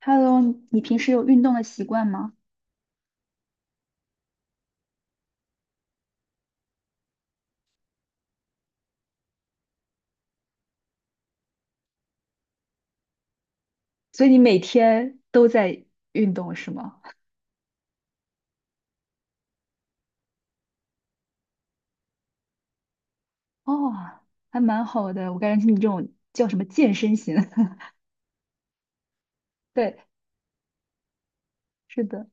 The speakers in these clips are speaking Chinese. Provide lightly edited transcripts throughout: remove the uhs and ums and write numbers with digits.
Hello，你平时有运动的习惯吗？所以你每天都在运动是吗？哦，还蛮好的。我感觉你这种叫什么健身型？对，是的，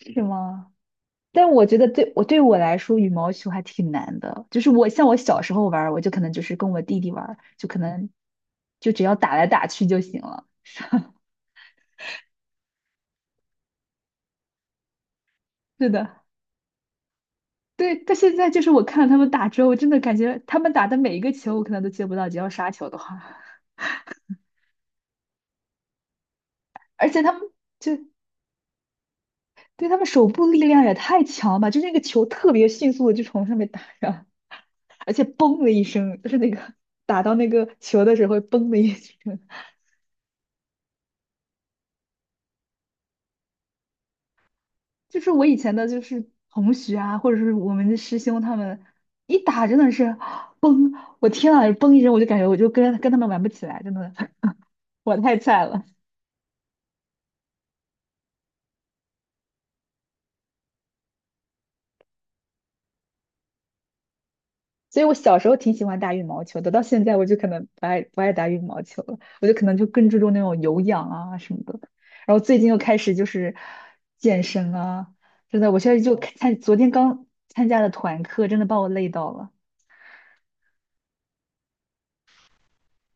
是吗？但我觉得对我来说，羽毛球还挺难的。就是我像我小时候玩儿我就可能就是跟我弟弟玩儿就可能就只要打来打去就行了。是的，对。但现在就是我看了他们打之后，我真的感觉他们打的每一个球，我可能都接不到，只要杀球的话。而且他们就对他们手部力量也太强了吧！就是那个球特别迅速的就从上面打上，而且嘣的一声，就是那个打到那个球的时候嘣的一声。就是我以前的，就是同学啊，或者是我们的师兄他们一打真的是，我天啊，嘣一声我就感觉我就跟他们玩不起来，真的，我太菜了。所以我小时候挺喜欢打羽毛球的，到现在我就可能不爱打羽毛球了，我就可能就更注重那种有氧啊什么的。然后最近又开始就是健身啊，真的，我现在就看，昨天刚参加的团课，真的把我累到了。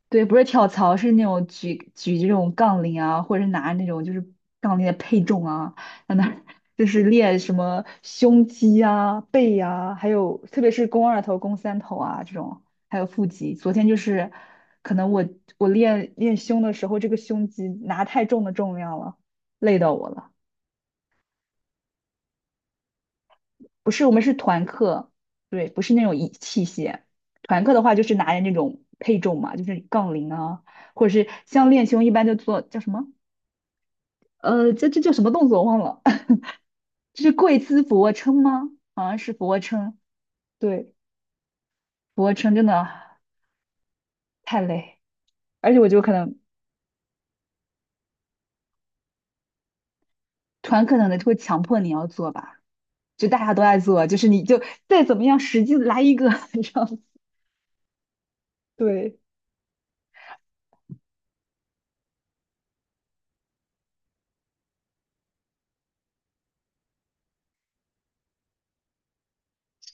对，不是跳槽，是那种举这种杠铃啊，或者是拿那种就是杠铃的配重啊，在那儿就是练什么胸肌啊、背啊，还有特别是肱二头、肱三头啊这种，还有腹肌。昨天就是可能我练练胸的时候，这个胸肌拿太重的重量了，累到我了。不是，我们是团课，对，不是那种仪器械。团课的话就是拿着那种配重嘛，就是杠铃啊，或者是像练胸一般就做叫什么？这叫什么动作我忘了，这是跪姿俯卧撑吗？好像是俯卧撑，对，俯卧撑真的太累，而且我就可能团课可能会强迫你要做吧，就大家都在做，就是你就再怎么样使劲来一个，这样，对，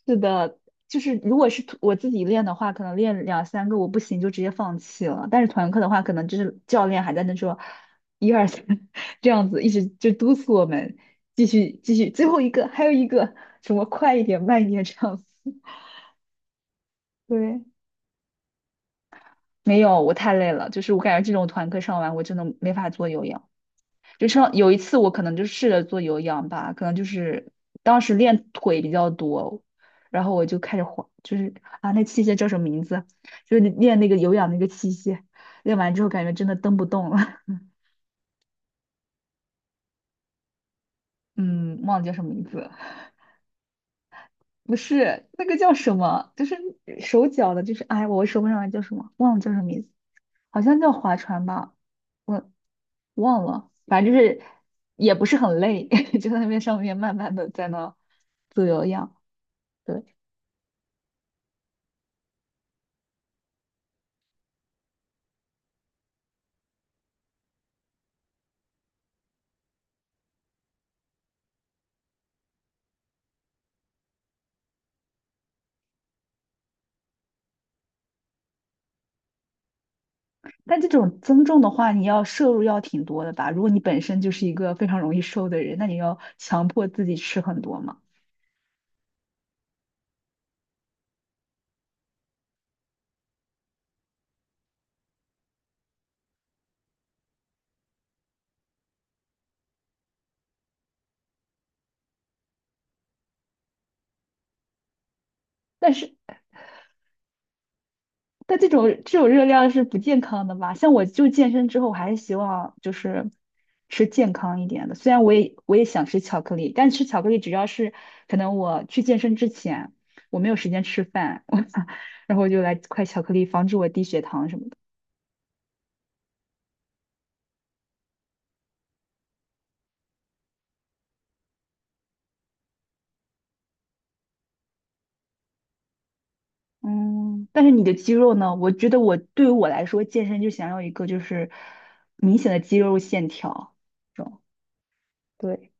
是的，就是如果是我自己练的话，可能练两三个我不行就直接放弃了。但是团课的话，可能就是教练还在那说一二三 这样子，一直就督促我们继续继续，最后一个还有一个什么快一点慢一点这样子。对，没有，我太累了，就是我感觉这种团课上完我真的没法做有氧。就像有一次我可能就试着做有氧吧，可能就是当时练腿比较多，然后我就开始滑，就是啊那器械叫什么名字？就是练那个有氧那个器械，练完之后感觉真的蹬不动了，嗯，忘了叫什么名字了不是那个叫什么，就是手脚的，就是哎我说不上来叫什么，忘了叫什么名字，好像叫划船吧，我忘了，反正就是也不是很累，就在那边上面慢慢的在那做有氧。对。但这种增重的话，你要摄入要挺多的吧？如果你本身就是一个非常容易瘦的人，那你要强迫自己吃很多嘛。但是，但这种热量是不健康的吧？像我就健身之后，我还是希望就是吃健康一点的。虽然我也想吃巧克力，但吃巧克力只要是可能我去健身之前我没有时间吃饭，我然后我就来块巧克力，防止我低血糖什么的。嗯，但是你的肌肉呢？我觉得对于我来说，健身就想要一个就是明显的肌肉线条这种。对，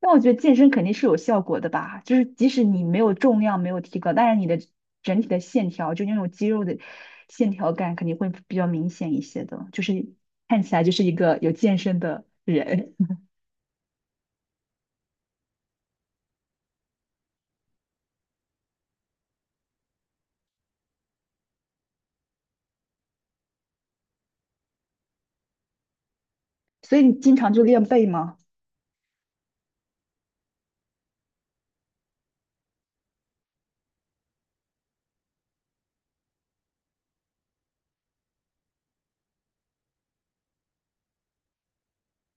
但我觉得健身肯定是有效果的吧，就是即使你没有重量没有提高，但是你的整体的线条，就那种肌肉的线条感肯定会比较明显一些的，就是看起来就是一个有健身的人。所以你经常就练背吗？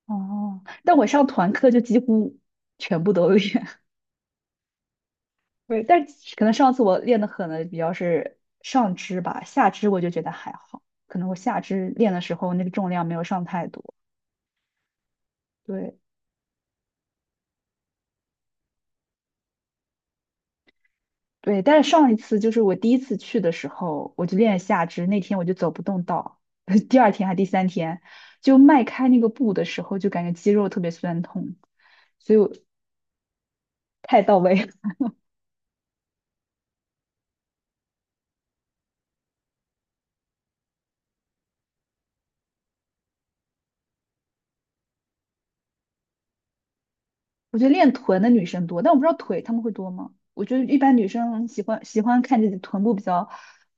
哦，但我上团课就几乎全部都练，对，但是可能上次我练的狠的比较是上肢吧，下肢我就觉得还好，可能我下肢练的时候那个重量没有上太多。对对，但是上一次就是我第一次去的时候，我就练下肢，那天我就走不动道，第二天还第三天，就迈开那个步的时候就感觉肌肉特别酸痛，所以我太到位了。我觉得练臀的女生多，但我不知道腿她们会多吗？我觉得一般女生喜欢看自己的臀部比较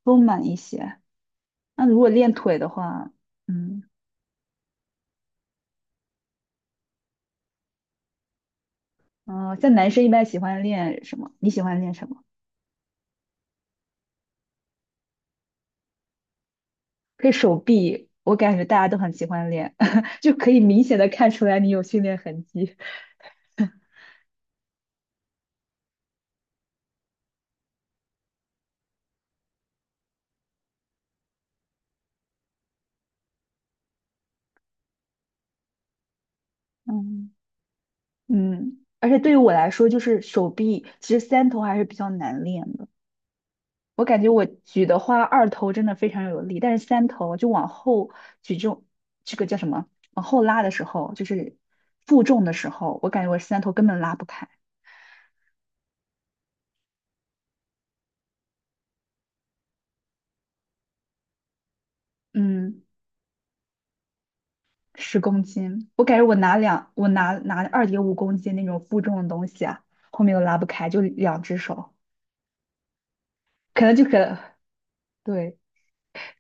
丰满一些。那如果练腿的话，嗯，哦，像男生一般喜欢练什么？你喜欢练什么？可以手臂，我感觉大家都很喜欢练，就可以明显的看出来你有训练痕迹。嗯，嗯，而且对于我来说，就是手臂其实三头还是比较难练的。我感觉我举的话，二头真的非常有力，但是三头就往后举重，这个叫什么？往后拉的时候，就是负重的时候，我感觉我三头根本拉不开。嗯。10公斤，我感觉我拿2.5公斤那种负重的东西啊，后面都拉不开，就两只手，可能就可，对，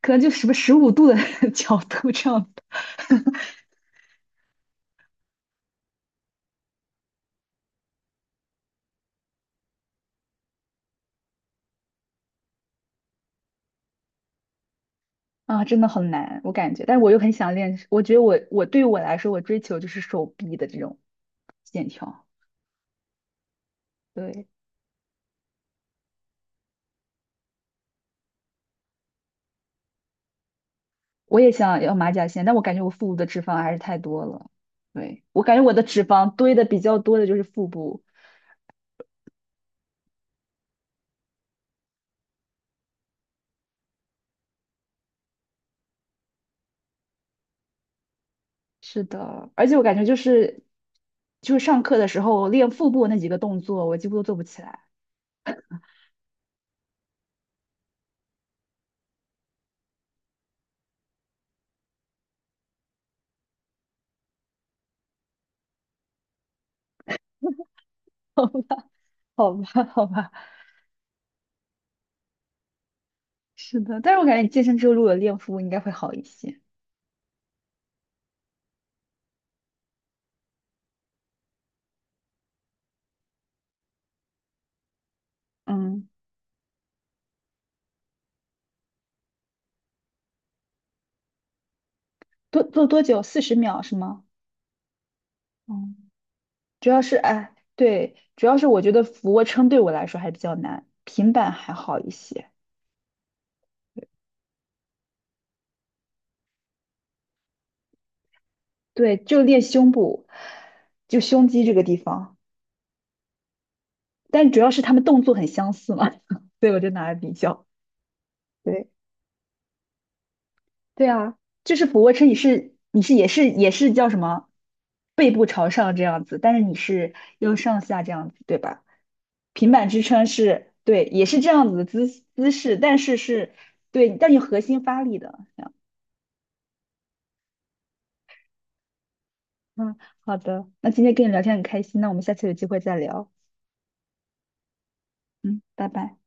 可能就什么15度的 角度这样子 啊，真的很难，我感觉，但是我又很想练，我觉得我对于我来说，我追求就是手臂的这种线条，对，我也想要马甲线，但我感觉我腹部的脂肪还是太多了，对，我感觉我的脂肪堆的比较多的就是腹部。是的，而且我感觉就是，就是上课的时候，练腹部那几个动作，我几乎都做不起来。好吧，好吧，是的，但是我感觉你健身之后如果有练腹部，应该会好一些。嗯，多做多久？40秒是吗？嗯，主要是哎，对，主要是我觉得俯卧撑对我来说还比较难，平板还好一些。对，就练胸部，就胸肌这个地方，但主要是他们动作很相似嘛，所以我就拿来比较。对。对啊，就是俯卧撑，你是也是叫什么，背部朝上这样子，但是你是用上下这样子，对吧？平板支撑是对，也是这样子的姿势，但是是对，但你核心发力的这样。嗯，好的，那今天跟你聊天很开心，那我们下次有机会再聊。嗯，拜拜。